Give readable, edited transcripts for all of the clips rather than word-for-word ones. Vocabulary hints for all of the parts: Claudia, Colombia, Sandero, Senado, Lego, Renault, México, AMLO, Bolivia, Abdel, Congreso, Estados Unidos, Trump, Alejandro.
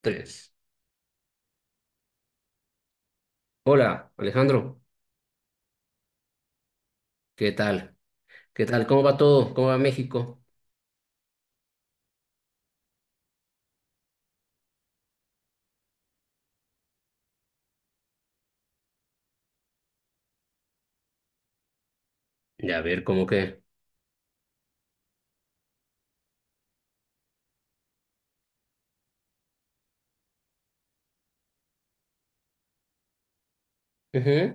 Tres. Hola, Alejandro. ¿Qué tal? ¿Qué tal? ¿Cómo va todo? ¿Cómo va México? Ya, a ver, ¿cómo qué? Ujú.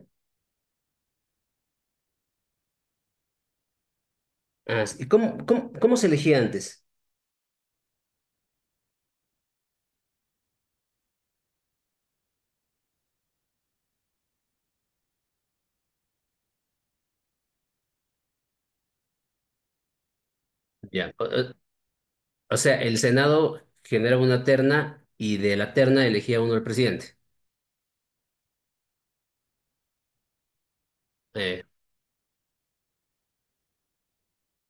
Ah, sí. ¿Y cómo se elegía antes? Ya. O sea, el Senado generaba una terna y de la terna elegía uno el presidente. Eh,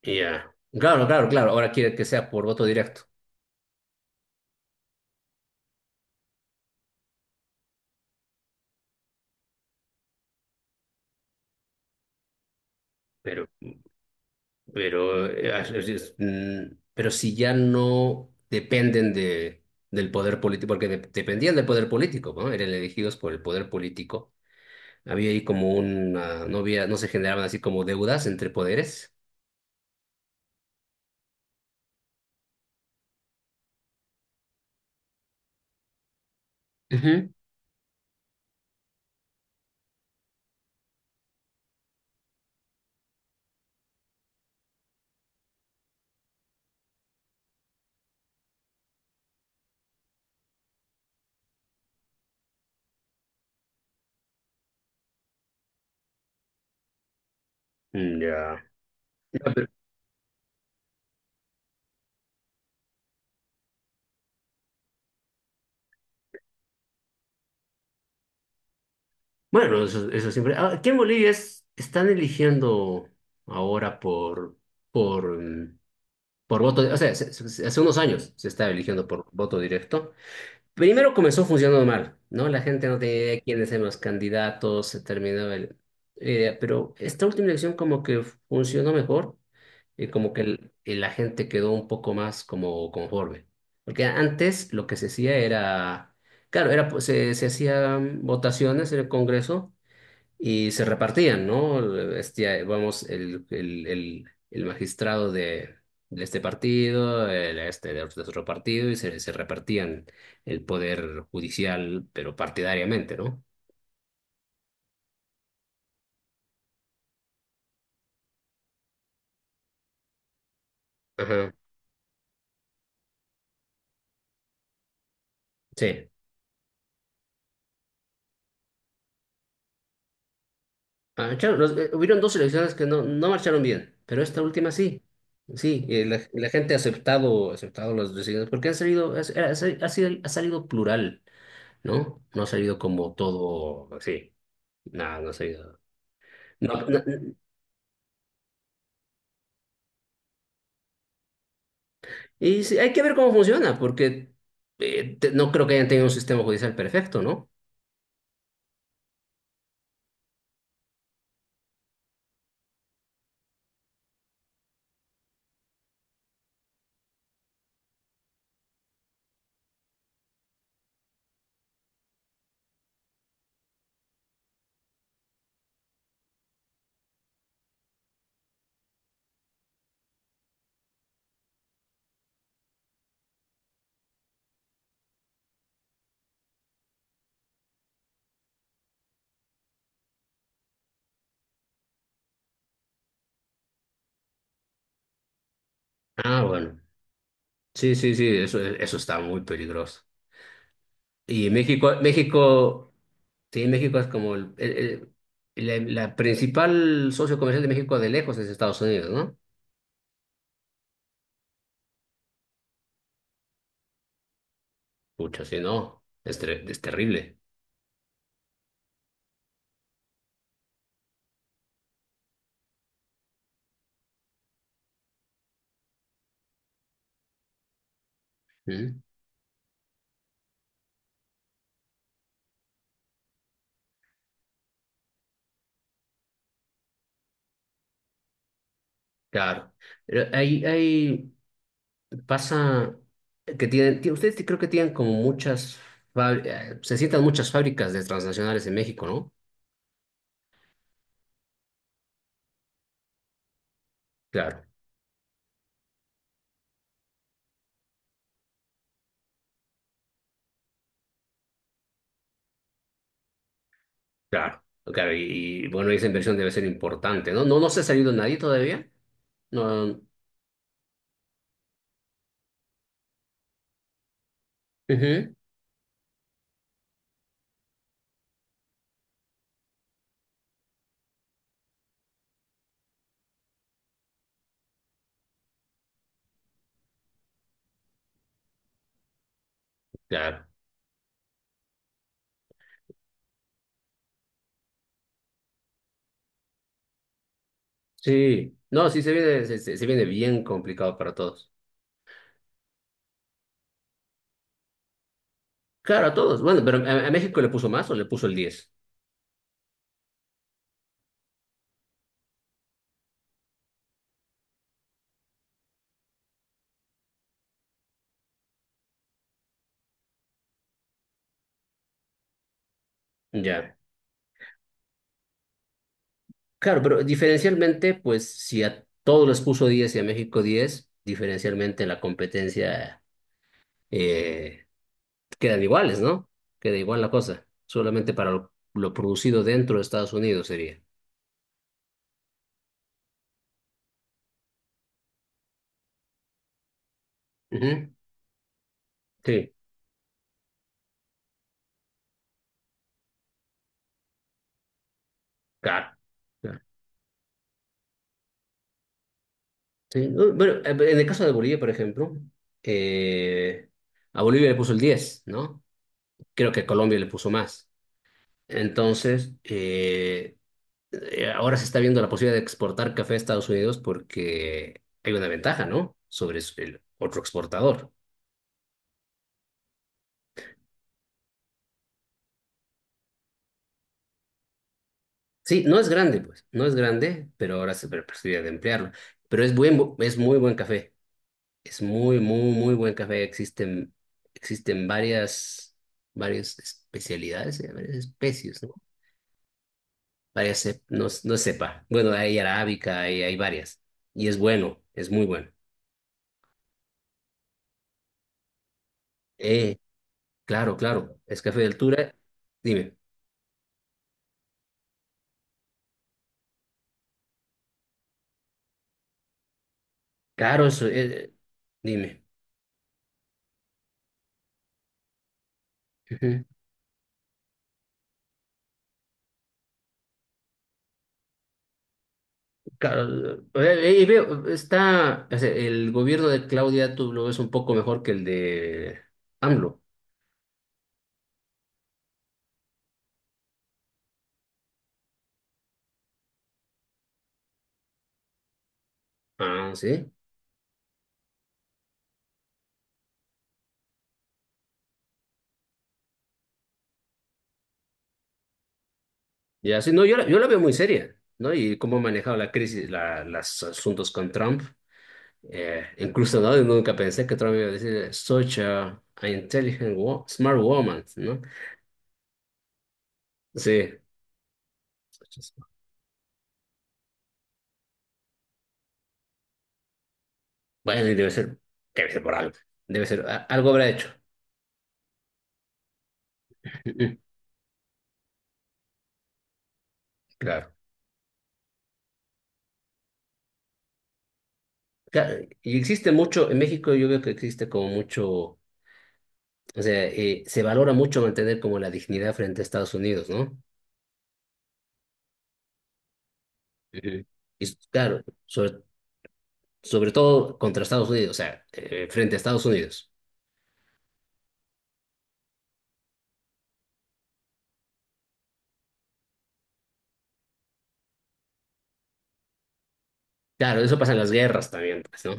ya. Claro, claro, claro. Ahora quiere que sea por voto directo. Pero, pero si ya no dependen de, del poder político, porque dependían del poder político, ¿no? Eran elegidos por el poder político. Había ahí como una, no había, no se generaban así como deudas entre poderes. Ujú. Ya. Ya, pero Bueno, eso siempre. Ah, aquí en Bolivia están eligiendo ahora por, por, mm, por voto, o sea, hace unos años se estaba eligiendo por voto directo. Primero comenzó funcionando mal, ¿no? La gente no tenía idea quiénes eran los candidatos, se terminaba el pero esta última elección como que funcionó mejor y como que la gente quedó un poco más como conforme. Porque antes lo que se hacía era, claro, era, pues, se hacían votaciones en el Congreso y se repartían, ¿no? Este, vamos, el magistrado de este partido, el este de otro partido, y se repartían el poder judicial, pero partidariamente, ¿no? Ajá, sí. Marcharon, hubieron dos elecciones que no, no marcharon bien, pero esta última sí. Sí, la, la gente ha aceptado las decisiones porque han salido, ha ha salido plural, ¿no? No ha salido como todo así. No, no ha salido. No, no, y sí, hay que ver cómo funciona, porque no creo que hayan tenido un sistema judicial perfecto, ¿no? Ah, bueno. Sí, sí, sí, eso está muy peligroso. Y México, México. Sí, México es como la, la principal socio comercial de México de lejos es Estados Unidos, ¿no? Pucha, sí, no, es, es terrible. ¿Mm? Claro. Pero ahí, ahí pasa que tienen, ustedes creo que tienen como muchas, se sientan muchas fábricas de transnacionales en México, ¿no? Claro, claro, claro. Y, bueno, esa inversión debe ser importante, ¿no? No, no se ha salido nadie todavía. No, ujú, claro. Sí, no, sí se viene, se viene bien complicado para todos. Claro, a todos. Bueno, pero a México le puso más o le puso el 10. Ya. Claro, pero diferencialmente, pues si a todos les puso 10 y a México 10 diferencialmente la competencia eh, quedan iguales, ¿no? Queda igual la cosa. Solamente para lo producido dentro de Estados Unidos sería. Ujú. Sí, claro, claro. Sí. No, bueno, en el caso de Bolivia, por ejemplo, eh, a Bolivia le puso el 10, ¿no? Creo que Colombia le puso más. Entonces, ahora se está viendo la posibilidad de exportar café a Estados Unidos porque hay una ventaja, ¿no? Sobre el otro exportador. Sí, no es grande, pues, no es grande, pero ahora se ve la posibilidad de emplearlo. Pero es es muy buen café, es muy, muy, muy buen café. Existen, existen varias, varias especialidades, varias especies, ¿no? Varias, no, no sepa. Bueno, hay arábica, hay varias. Y es bueno, es muy bueno. Eh, claro, claro, es café de altura. Dime. Claro, eso, dime. Ujú. Claro, veo, está, o sea, el gobierno de Claudia, tú lo ves un poco mejor que el de AMLO. Ah, sí. Ya, sí, no, yo la, yo la veo muy seria, ¿no? Y cómo ha manejado la crisis, la, los asuntos con Trump. Incluso, ¿no? Nunca pensé que Trump iba a decir, such a intelligent, smart woman, ¿no? Sí. Bueno, y debe ser por algo. Debe ser, algo habrá hecho. Claro. Y existe mucho, en México yo veo que existe como mucho, o sea, se valora mucho mantener como la dignidad frente a Estados Unidos, ¿no? Ujú. Y claro, sobre, sobre todo contra Estados Unidos, o sea, frente a Estados Unidos. Claro, eso pasa en las guerras también, pues, ¿no?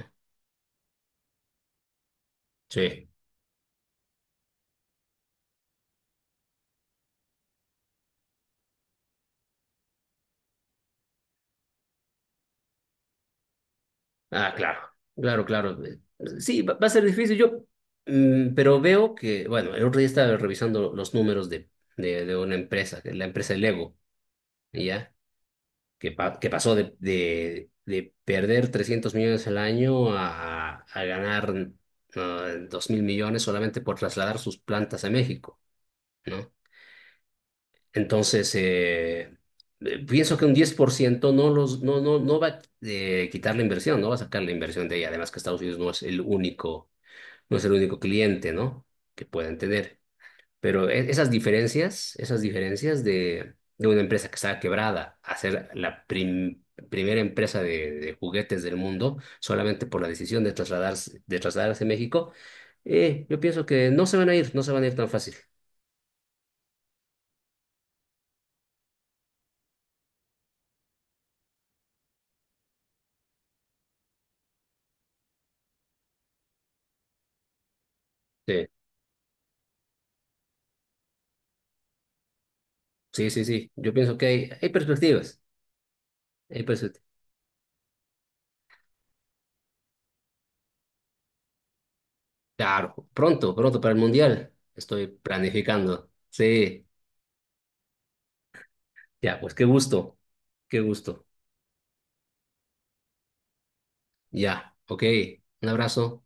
Sí. Ah, claro, claro, claro. Sí, va, va a ser difícil. Yo, pero veo que, bueno, el otro día estaba revisando los números de una empresa, que es la empresa Lego, ¿ya? Que, que pasó de perder 300 millones al año a ganar 2.000 millones solamente por trasladar sus plantas a México, ¿no? Entonces, pienso que un 10% no, los, no, no, no va a quitar la inversión, no va a sacar la inversión de ahí. Además que Estados Unidos no es el único, no es el único cliente, ¿no? Que pueden tener. Pero esas diferencias de una empresa que estaba quebrada a ser la primera empresa de juguetes del mundo solamente por la decisión de trasladarse a México, yo pienso que no se van a ir, no se van a ir tan fácil. Sí, sí, sí, sí. Yo pienso que hay perspectivas. Hay perspectivas. Claro, pronto, pronto para el Mundial. Estoy planificando. Sí, ya, pues qué gusto, qué gusto. Ya, ok. Un abrazo.